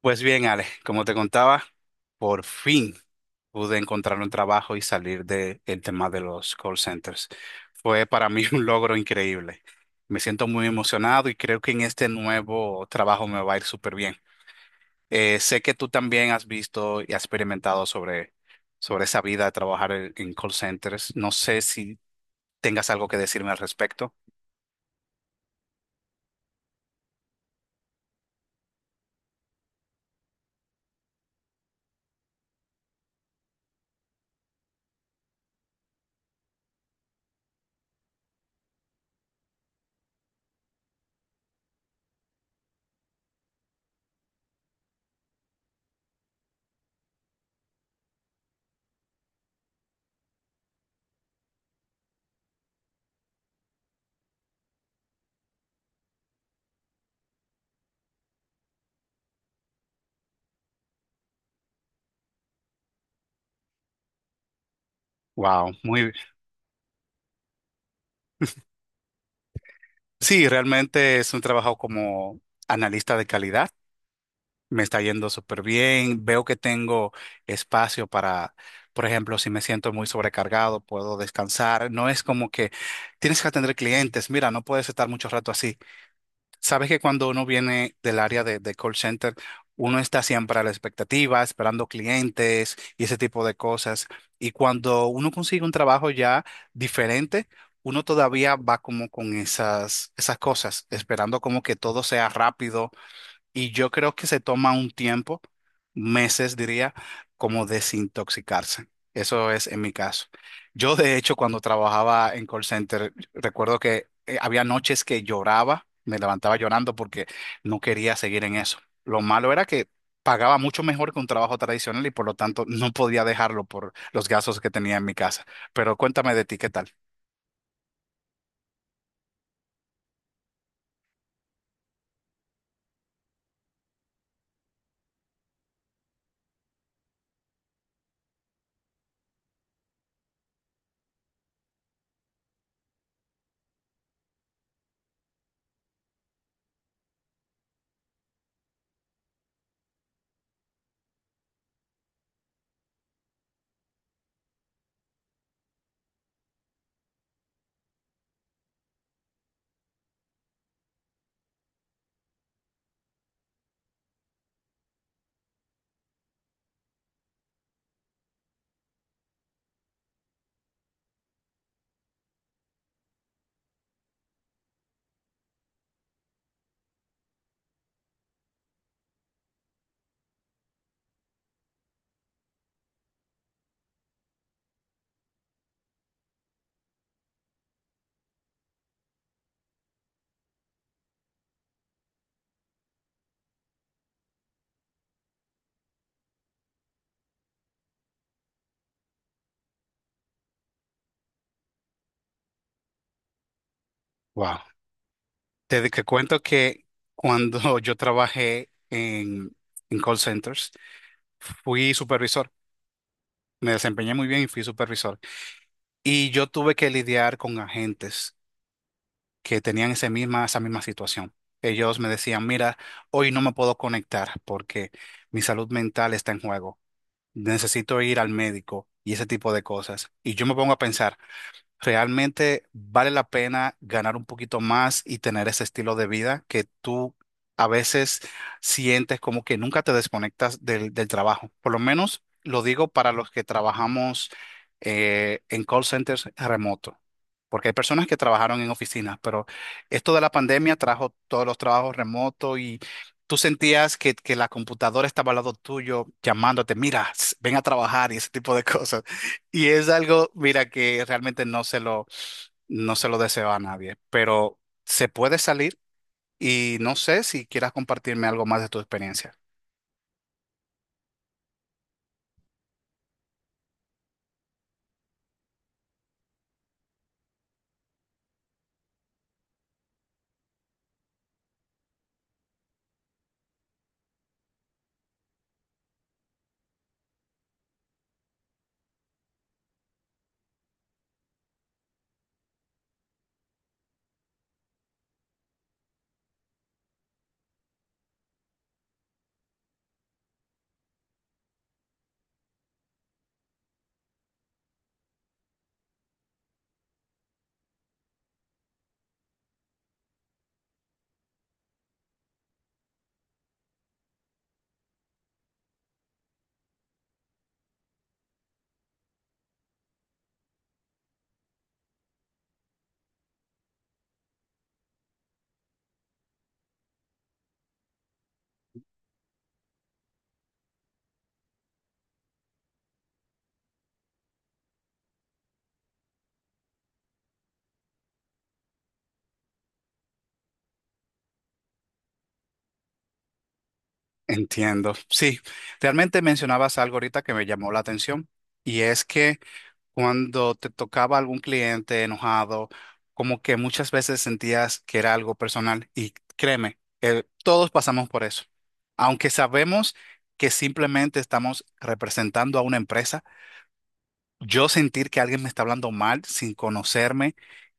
Pues bien, Ale, como te contaba, por fin pude encontrar un trabajo y salir del tema de los call centers. Fue para mí un logro increíble. Me siento muy emocionado y creo que en este nuevo trabajo me va a ir súper bien. Sé que tú también has visto y has experimentado sobre esa vida de trabajar en call centers. No sé si tengas algo que decirme al respecto. Wow, muy bien. Sí, realmente es un trabajo como analista de calidad. Me está yendo súper bien. Veo que tengo espacio para, por ejemplo, si me siento muy sobrecargado, puedo descansar. No es como que tienes que atender clientes. Mira, no puedes estar mucho rato así. Sabes que cuando uno viene del área de call center, uno está siempre a la expectativa, esperando clientes y ese tipo de cosas. Y cuando uno consigue un trabajo ya diferente, uno todavía va como con esas cosas, esperando como que todo sea rápido y yo creo que se toma un tiempo, meses diría, como desintoxicarse. Eso es en mi caso. Yo, de hecho, cuando trabajaba en call center, recuerdo que había noches que lloraba, me levantaba llorando porque no quería seguir en eso. Lo malo era que pagaba mucho mejor que un trabajo tradicional y por lo tanto no podía dejarlo por los gastos que tenía en mi casa. Pero cuéntame de ti, ¿qué tal? Wow. Te cuento que cuando yo trabajé en call centers, fui supervisor, me desempeñé muy bien y fui supervisor. Y yo tuve que lidiar con agentes que tenían ese misma, esa misma situación. Ellos me decían, mira, hoy no me puedo conectar porque mi salud mental está en juego. Necesito ir al médico y ese tipo de cosas. Y yo me pongo a pensar. Realmente vale la pena ganar un poquito más y tener ese estilo de vida que tú a veces sientes como que nunca te desconectas del trabajo. Por lo menos lo digo para los que trabajamos en call centers remoto, porque hay personas que trabajaron en oficinas, pero esto de la pandemia trajo todos los trabajos remotos y tú sentías que la computadora estaba al lado tuyo llamándote, mira, ven a trabajar y ese tipo de cosas. Y es algo, mira, que realmente no se lo deseo a nadie, pero se puede salir y no sé si quieras compartirme algo más de tu experiencia. Entiendo. Sí, realmente mencionabas algo ahorita que me llamó la atención y es que cuando te tocaba algún cliente enojado, como que muchas veces sentías que era algo personal y créeme, todos pasamos por eso. Aunque sabemos que simplemente estamos representando a una empresa, yo sentir que alguien me está hablando mal sin conocerme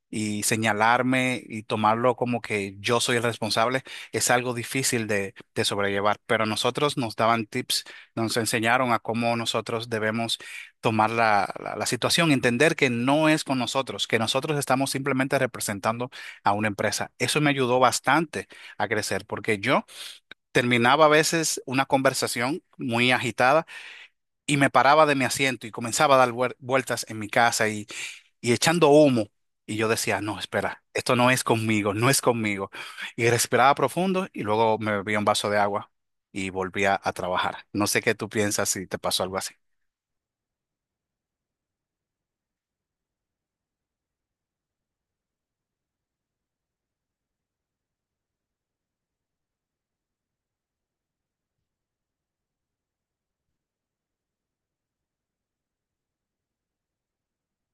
y señalarme y tomarlo como que yo soy el responsable es algo difícil de sobrellevar. Pero a nosotros nos daban tips, nos enseñaron a cómo nosotros debemos tomar la situación, entender que no es con nosotros, que nosotros estamos simplemente representando a una empresa. Eso me ayudó bastante a crecer porque yo terminaba a veces una conversación muy agitada y me paraba de mi asiento y comenzaba a dar vueltas en mi casa y echando humo. Y yo decía, no, espera, esto no es conmigo, no es conmigo. Y respiraba profundo y luego me bebía un vaso de agua y volvía a trabajar. No sé qué tú piensas si te pasó algo así.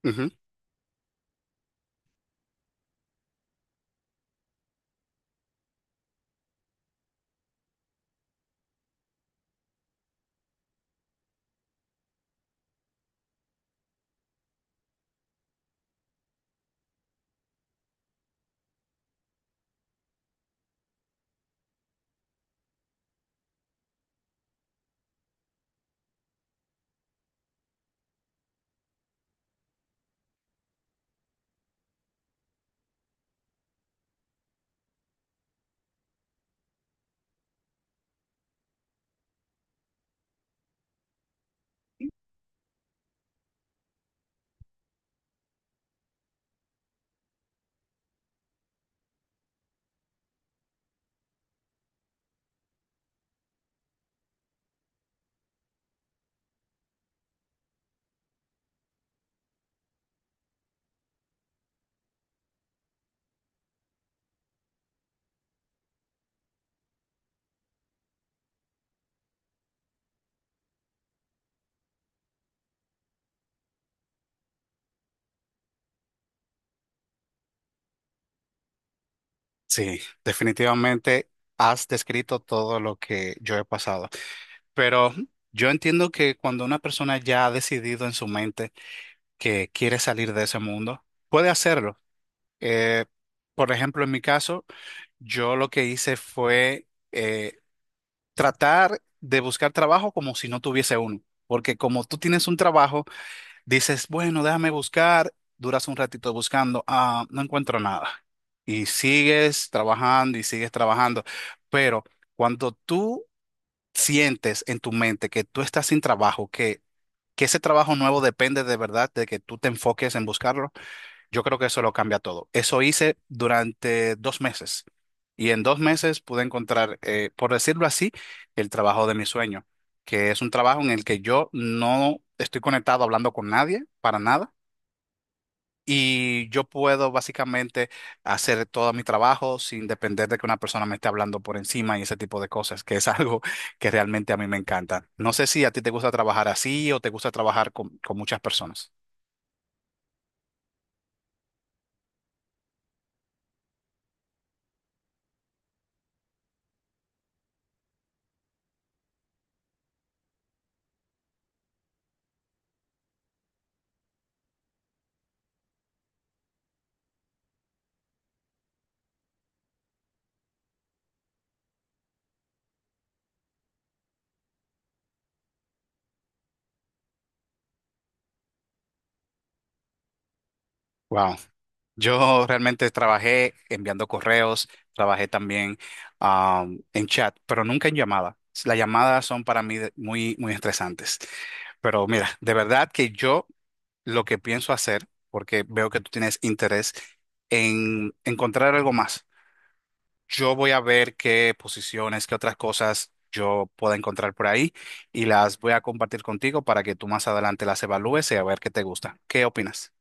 Ujú. Sí, definitivamente has descrito todo lo que yo he pasado. Pero yo entiendo que cuando una persona ya ha decidido en su mente que quiere salir de ese mundo, puede hacerlo. Eh, por ejemplo, en mi caso, yo lo que hice fue eh, tratar de buscar trabajo como si no tuviese uno, porque como tú tienes un trabajo, dices, bueno, déjame buscar, duras un ratito buscando, ah, no encuentro nada. Y sigues trabajando y sigues trabajando. Pero cuando tú sientes en tu mente que tú estás sin trabajo, que ese trabajo nuevo depende de verdad de que tú te enfoques en buscarlo, yo creo que eso lo cambia todo. Eso hice durante dos meses y en dos meses pude encontrar, por decirlo así, el trabajo de mi sueño, que es un trabajo en el que yo no estoy conectado hablando con nadie para nada y yo puedo básicamente hacer todo mi trabajo sin depender de que una persona me esté hablando por encima y ese tipo de cosas, que es algo que realmente a mí me encanta. No sé si a ti te gusta trabajar así o te gusta trabajar con muchas personas. Wow. Yo realmente trabajé enviando correos, trabajé también en chat, pero nunca en llamada. Las llamadas son para mí muy, muy estresantes. Pero mira, de verdad que yo lo que pienso hacer, porque veo que tú tienes interés en encontrar algo más, yo voy a ver qué posiciones, qué otras cosas yo pueda encontrar por ahí y las voy a compartir contigo para que tú más adelante las evalúes y a ver qué te gusta. ¿Qué opinas?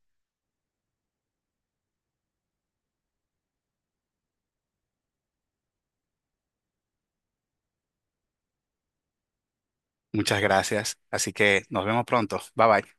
Muchas gracias. Así que nos vemos pronto. Bye bye.